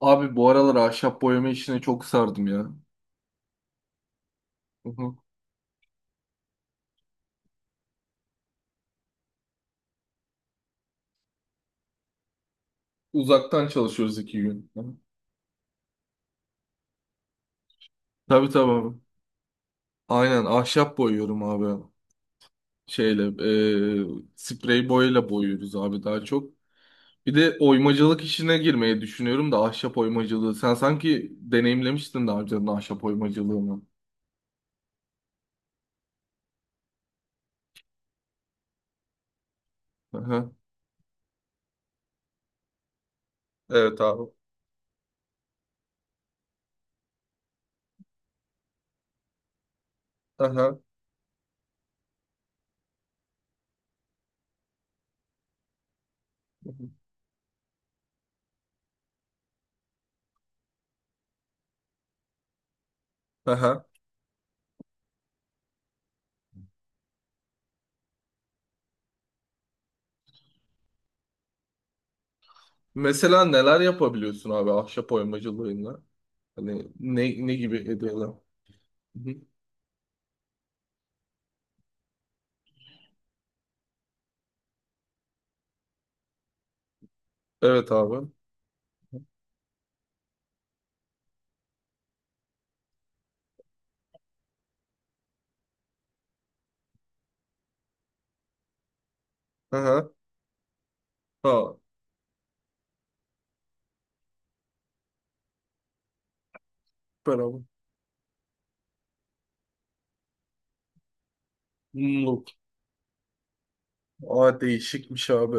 Abi bu aralar ahşap boyama işine çok sardım ya. Hı hı. Uzaktan çalışıyoruz 2 gün. Hı. Tabii tabii abi. Aynen ahşap boyuyorum abi. Şeyle sprey boyayla boyuyoruz abi daha çok. Bir de oymacılık işine girmeyi düşünüyorum da ahşap oymacılığı. Sen sanki deneyimlemiştin daha önceden ahşap oymacılığını. Hı hı. Evet abi. Hı hı. Mesela neler yapabiliyorsun abi ahşap oymacılığıyla? Hani ne gibi hediyeler? Hı hı. Evet abi. Aha. Ha. Beraber. Mumluk. Aa değişikmiş abi.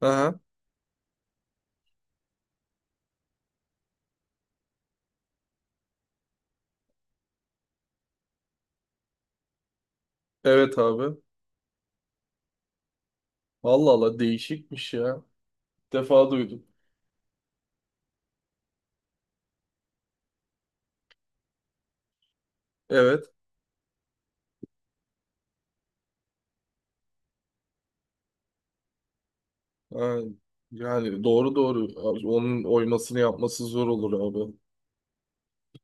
Aha. Evet abi. Allah Allah değişikmiş ya. İlk defa duydum. Evet. Ha, yani doğru doğru. Abi, onun oymasını yapması zor olur abi.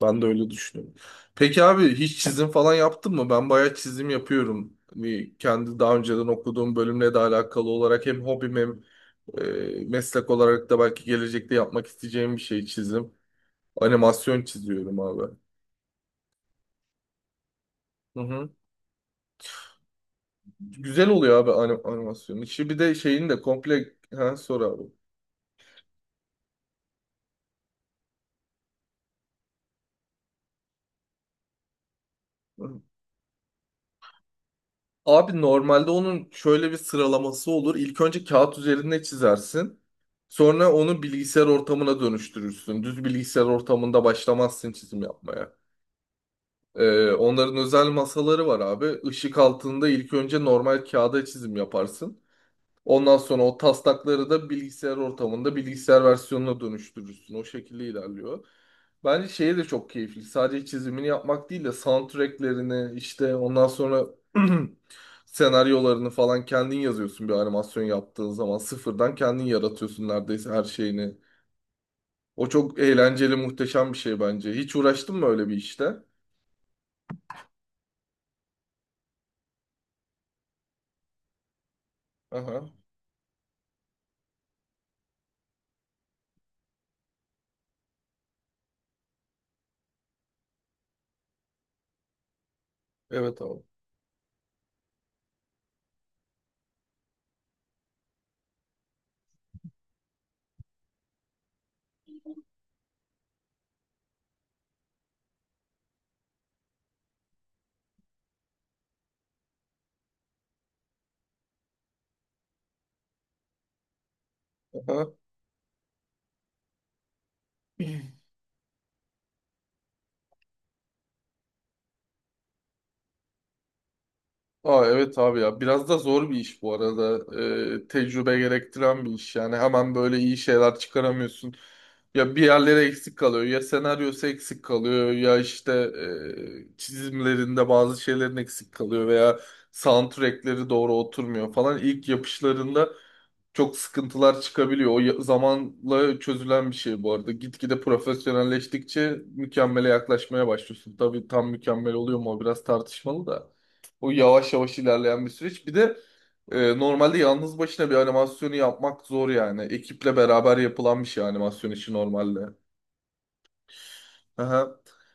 Ben de öyle düşünüyorum. Peki abi hiç çizim falan yaptın mı? Ben bayağı çizim yapıyorum. Bir kendi daha önceden okuduğum bölümle de alakalı olarak hem hobim hem meslek olarak da belki gelecekte yapmak isteyeceğim bir şey çizim. Animasyon çiziyorum abi. Hı hı. Güzel oluyor abi animasyonu. İşi bir de şeyin de komple ha, sor abi. Hı. Abi normalde onun şöyle bir sıralaması olur. İlk önce kağıt üzerinde çizersin. Sonra onu bilgisayar ortamına dönüştürürsün. Düz bilgisayar ortamında başlamazsın çizim yapmaya. Onların özel masaları var abi. Işık altında ilk önce normal kağıda çizim yaparsın. Ondan sonra o taslakları da bilgisayar ortamında bilgisayar versiyonuna dönüştürürsün. O şekilde ilerliyor. Bence şeye de çok keyifli. Sadece çizimini yapmak değil de soundtracklerini işte ondan sonra senaryolarını falan kendin yazıyorsun bir animasyon yaptığın zaman. Sıfırdan kendin yaratıyorsun neredeyse her şeyini. O çok eğlenceli, muhteşem bir şey bence. Hiç uğraştın mı öyle bir işte? Aha. Evet abi. Aha. Aa, evet abi ya biraz da zor bir iş bu arada. Tecrübe gerektiren bir iş yani hemen böyle iyi şeyler çıkaramıyorsun, ya bir yerlere eksik kalıyor, ya senaryosu eksik kalıyor, ya işte çizimlerinde bazı şeylerin eksik kalıyor veya soundtrackleri doğru oturmuyor falan ilk yapışlarında çok sıkıntılar çıkabiliyor. O zamanla çözülen bir şey bu arada, gitgide profesyonelleştikçe mükemmele yaklaşmaya başlıyorsun, tabii tam mükemmel oluyor mu o biraz tartışmalı da. O yavaş yavaş ilerleyen bir süreç. Bir de normalde yalnız başına bir animasyonu yapmak zor yani. Ekiple beraber yapılan bir şey animasyon işi normalde. Aha.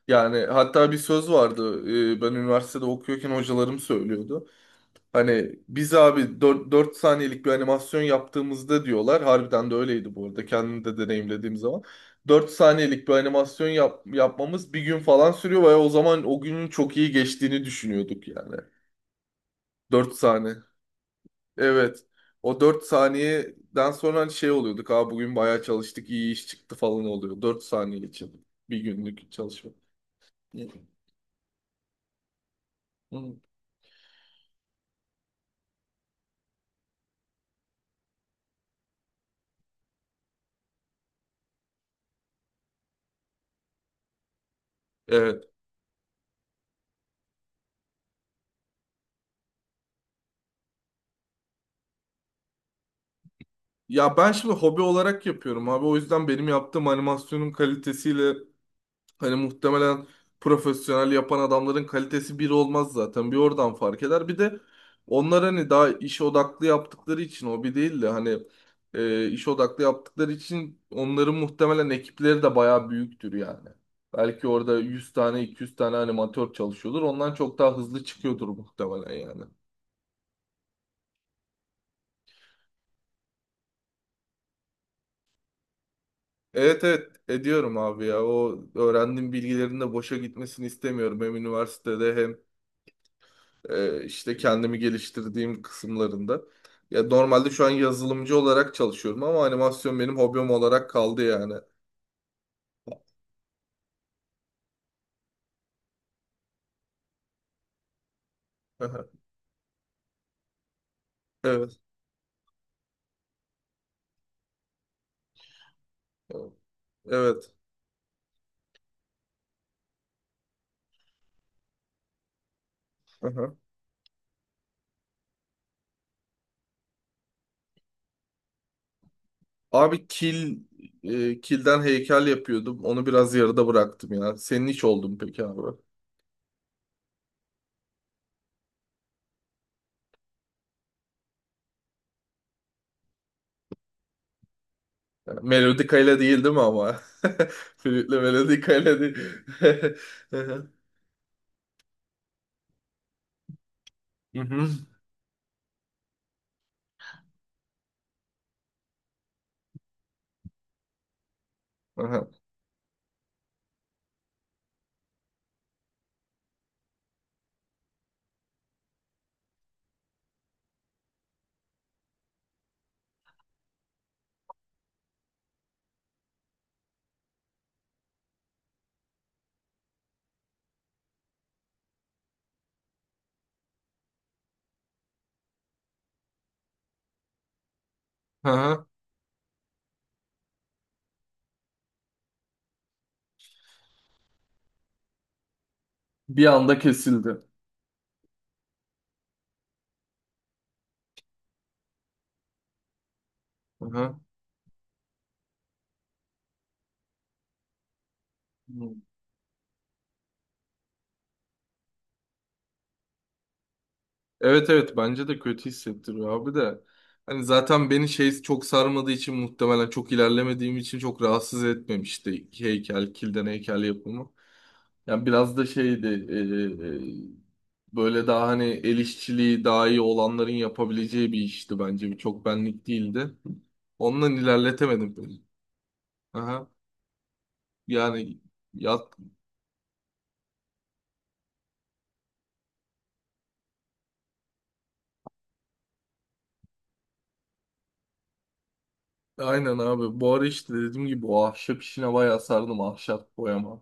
Yani hatta bir söz vardı. Ben üniversitede okuyorken hocalarım söylüyordu. Hani biz abi 4 saniyelik bir animasyon yaptığımızda diyorlar. Harbiden de öyleydi bu arada. Kendim de deneyimlediğim zaman. 4 saniyelik bir animasyon yapmamız bir gün falan sürüyor ve o zaman o günün çok iyi geçtiğini düşünüyorduk yani. 4 saniye. Evet. O 4 saniyeden sonra hani şey oluyorduk. Aa bugün bayağı çalıştık, iyi iş çıktı falan oluyor. 4 saniye için. Bir günlük çalışma. Hı. Hı. Evet. Ya ben şimdi hobi olarak yapıyorum abi. O yüzden benim yaptığım animasyonun kalitesiyle hani muhtemelen profesyonel yapan adamların kalitesi bir olmaz zaten. Bir oradan fark eder. Bir de onlar hani daha iş odaklı yaptıkları için, hobi değil de, hani iş odaklı yaptıkları için onların muhtemelen ekipleri de bayağı büyüktür yani. Belki orada 100 tane 200 tane animatör çalışıyordur. Ondan çok daha hızlı çıkıyordur muhtemelen yani. Evet evet ediyorum abi ya. O öğrendiğim bilgilerin de boşa gitmesini istemiyorum. Hem üniversitede hem işte kendimi geliştirdiğim kısımlarında. Ya normalde şu an yazılımcı olarak çalışıyorum ama animasyon benim hobim olarak kaldı yani. Aha, evet. Evet. Aha. Abi kilden heykel yapıyordum. Onu biraz yarıda bıraktım ya. Senin hiç oldu mu peki abi? Yani melodikayla değil, değil mi ama? Flütle melodikayla değil. Hı hı. Hı hı. Aha. Aha. Bir anda kesildi. Aha. Hı. Evet evet bence de kötü hissettiriyor abi de. Hani zaten beni şey çok sarmadığı için, muhtemelen çok ilerlemediğim için çok rahatsız etmemişti heykel, kilden heykel yapımı. Yani biraz da şeydi, böyle daha hani el işçiliği daha iyi olanların yapabileceği bir işti bence. Bir çok benlik değildi. Ondan ilerletemedim beni. Aha. Yani yat, aynen abi bu ara işte dediğim gibi o ahşap işine bayağı sardım, ahşap boyama.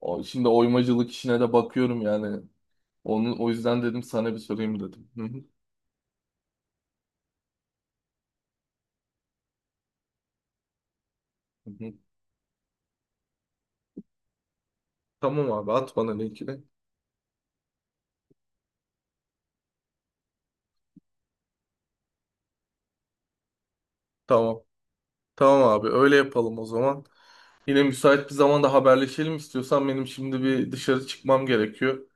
O, şimdi oymacılık işine de bakıyorum yani. Onu, o yüzden dedim sana bir sorayım dedim. Hı hı, hı hı. Tamam abi, at bana linkini. Tamam. Tamam abi, öyle yapalım o zaman. Yine müsait bir zamanda haberleşelim istiyorsan, benim şimdi bir dışarı çıkmam gerekiyor.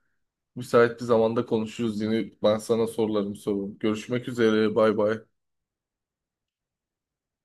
Müsait bir zamanda konuşuruz, yine ben sana sorularımı sorarım. Görüşmek üzere, bay bay.